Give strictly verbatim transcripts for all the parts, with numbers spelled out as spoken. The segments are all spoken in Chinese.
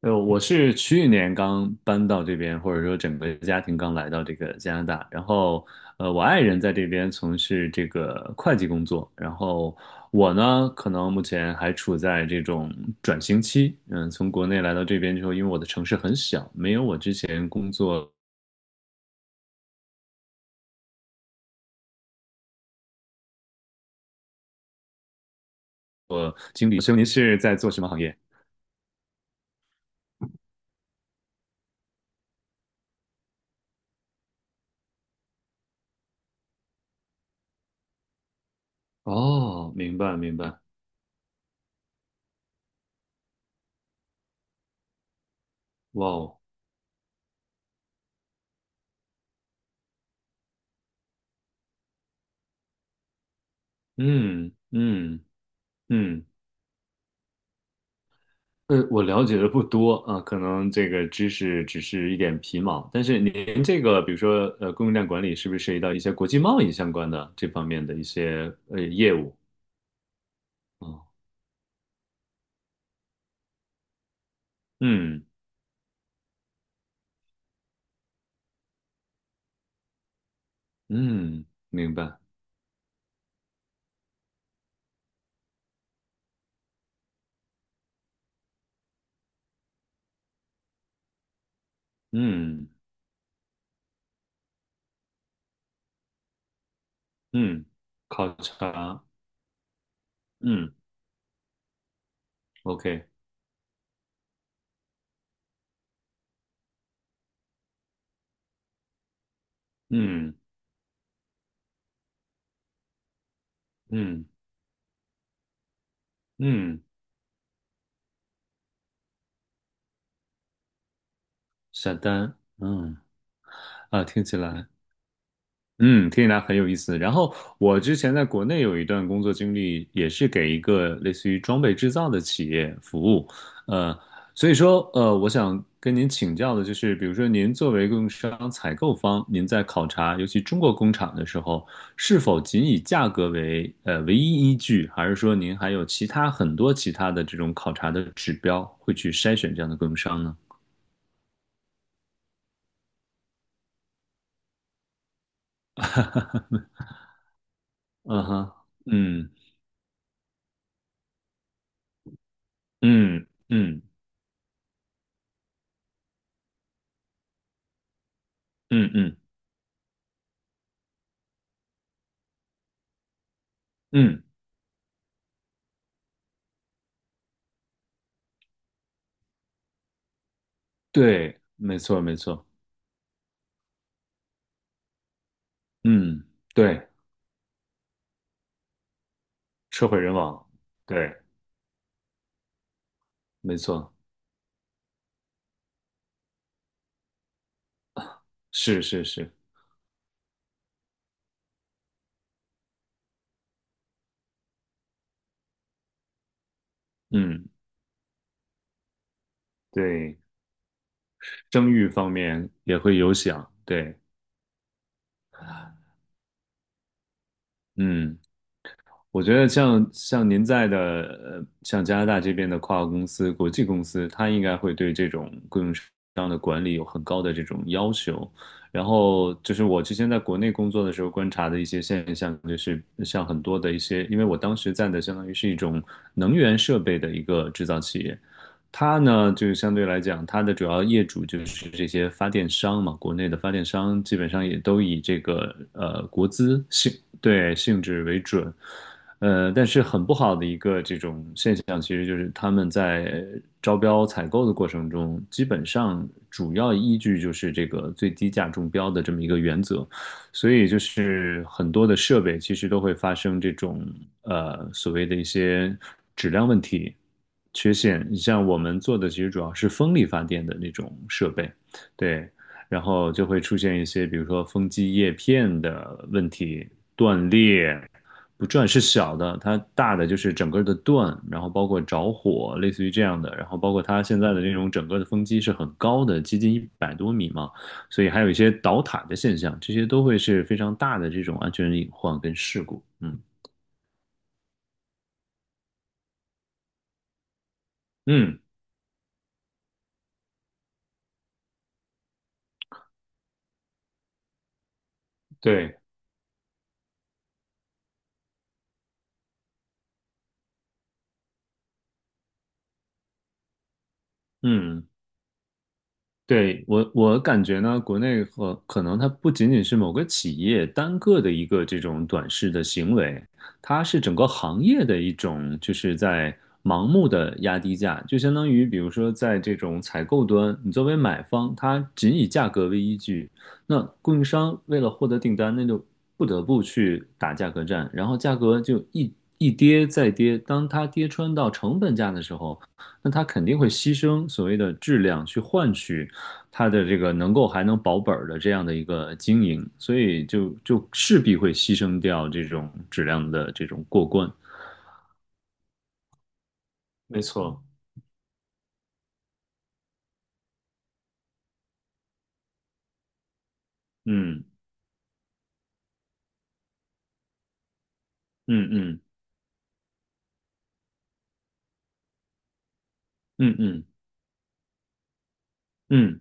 呃，我是去年刚搬到这边，或者说整个家庭刚来到这个加拿大。然后，呃，我爱人在这边从事这个会计工作，然后我呢，可能目前还处在这种转型期。嗯，从国内来到这边之后，因为我的城市很小，没有我之前工作经历。所以您是在做什么行业？哦，明白明白。哇哦。嗯嗯嗯。呃，我了解的不多啊，可能这个知识只是一点皮毛。但是您这个，比如说呃，供应链管理是不是涉及到一些国际贸易相关的这方面的一些呃业务？啊？嗯嗯，明白。嗯嗯，考察。嗯，OK。嗯嗯嗯，下单。嗯啊，听起来。嗯，听起来很有意思。然后我之前在国内有一段工作经历，也是给一个类似于装备制造的企业服务。呃，所以说，呃，我想跟您请教的就是，比如说您作为供应商采购方，您在考察尤其中国工厂的时候，是否仅以价格为呃唯一依据，还是说您还有其他很多其他的这种考察的指标会去筛选这样的供应商呢？嗯哈。嗯嗯嗯嗯嗯嗯。嗯，对，没错，没错。嗯，对，车毁人亡。对，没错。是是是。嗯，对，生育方面也会有响。对，嗯。我觉得像像您在的，呃，像加拿大这边的跨国公司、国际公司，它应该会对这种供应商的管理有很高的这种要求。然后就是我之前在国内工作的时候观察的一些现象，就是像很多的一些，因为我当时在的相当于是一种能源设备的一个制造企业，它呢就是相对来讲，它的主要业主就是这些发电商嘛，国内的发电商基本上也都以这个呃国资性，对，性质为准。呃，但是很不好的一个这种现象，其实就是他们在招标采购的过程中，基本上主要依据就是这个最低价中标的这么一个原则，所以就是很多的设备其实都会发生这种呃所谓的一些质量问题、缺陷。你像我们做的其实主要是风力发电的那种设备。对，然后就会出现一些比如说风机叶片的问题断裂。不转是小的，它大的就是整个的断，然后包括着火，类似于这样的，然后包括它现在的这种整个的风机是很高的，接近一百多米嘛，所以还有一些倒塌的现象，这些都会是非常大的这种安全隐患跟事故。嗯嗯，对，嗯。对，我我感觉呢，国内和可能它不仅仅是某个企业单个的一个这种短视的行为，它是整个行业的一种，就是在盲目的压低价，就相当于比如说在这种采购端，你作为买方，它仅以价格为依据，那供应商为了获得订单，那就不得不去打价格战，然后价格就一一跌再跌，当它跌穿到成本价的时候，那它肯定会牺牲所谓的质量去换取。它的这个能够还能保本的这样的一个经营，所以就就势必会牺牲掉这种质量的这种过关。没错。嗯嗯嗯嗯嗯嗯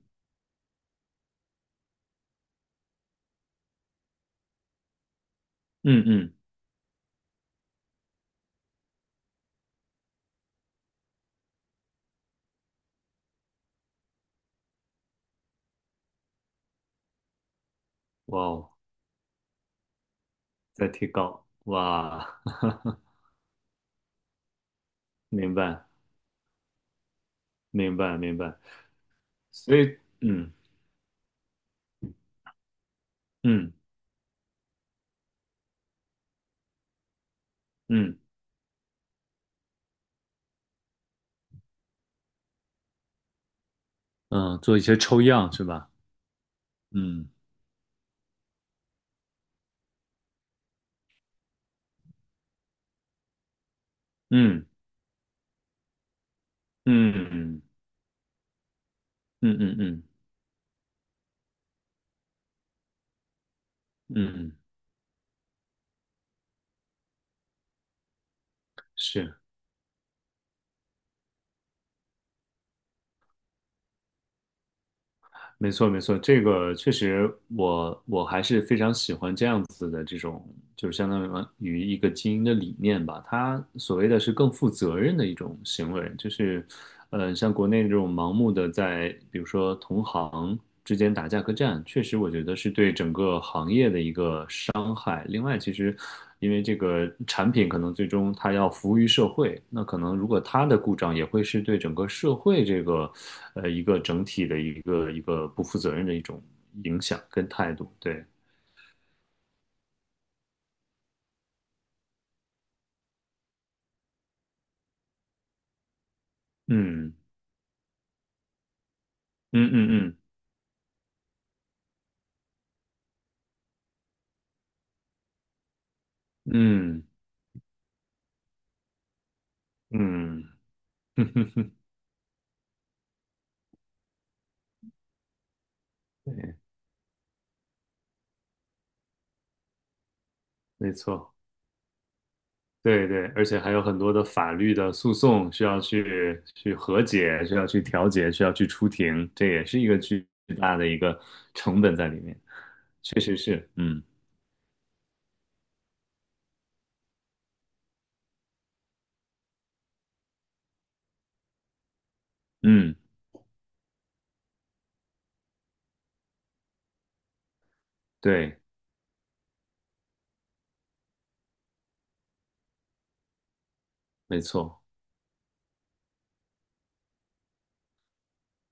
嗯嗯。哇哦，在提高，哇。明白明白明白。所以嗯嗯嗯嗯，做一些抽样是吧？嗯嗯嗯嗯嗯嗯嗯嗯。嗯，是。没错，没错，这个确实我，我还是非常喜欢这样子的这种，就是相当于一个经营的理念吧。它所谓的是更负责任的一种行为，就是，呃，像国内这种盲目的在，比如说同行之间打价格战，确实我觉得是对整个行业的一个伤害。另外，其实因为这个产品可能最终它要服务于社会，那可能如果它的故障也会是对整个社会这个呃一个整体的一个一个不负责任的一种影响跟态度。对。嗯嗯嗯嗯嗯嗯。对，没错。对对，而且还有很多的法律的诉讼需要去去和解，需要去调解，需要去出庭，这也是一个巨大的一个成本在里面。确实是。嗯嗯，对，没错。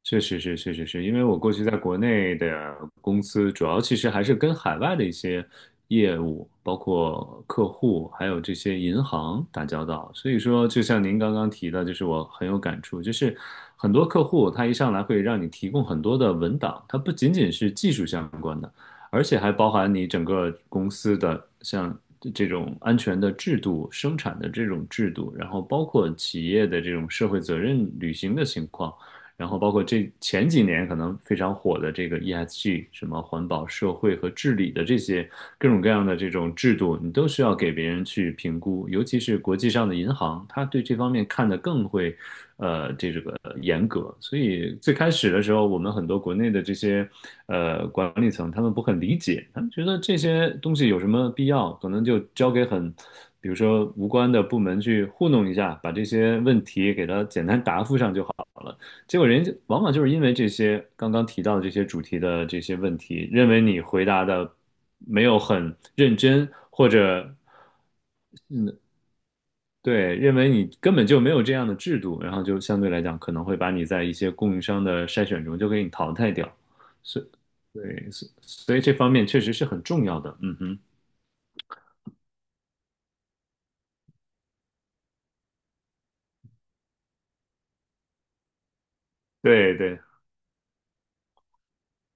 确实是，确实是，因为我过去在国内的公司，主要其实还是跟海外的一些业务，包括客户，还有这些银行打交道。所以说，就像您刚刚提的，就是我很有感触，就是很多客户他一上来会让你提供很多的文档，它不仅仅是技术相关的，而且还包含你整个公司的像这种安全的制度、生产的这种制度，然后包括企业的这种社会责任履行的情况。然后包括这前几年可能非常火的这个 E S G,什么环保、社会和治理的这些各种各样的这种制度，你都需要给别人去评估，尤其是国际上的银行，它对这方面看得更会呃严格。所以最开始的时候，我们很多国内的这些呃管理层，他们不很理解，他们觉得这些东西有什么必要，可能就交给很。比如说无关的部门去糊弄一下，把这些问题给它简单答复上就好。结果人家往往就是因为这些刚刚提到的这些主题的这些问题，认为你回答的没有很认真，或者对，认为你根本就没有这样的制度，然后就相对来讲可能会把你在一些供应商的筛选中就给你淘汰掉。所以，对，所所以这方面确实是很重要的。嗯哼。对对。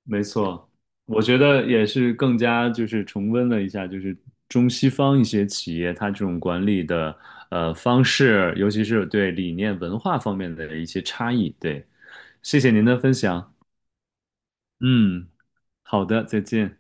没错，我觉得也是更加就是重温了一下，就是中西方一些企业它这种管理的呃方式，尤其是对理念文化方面的一些差异。对，谢谢您的分享。嗯，好的，再见。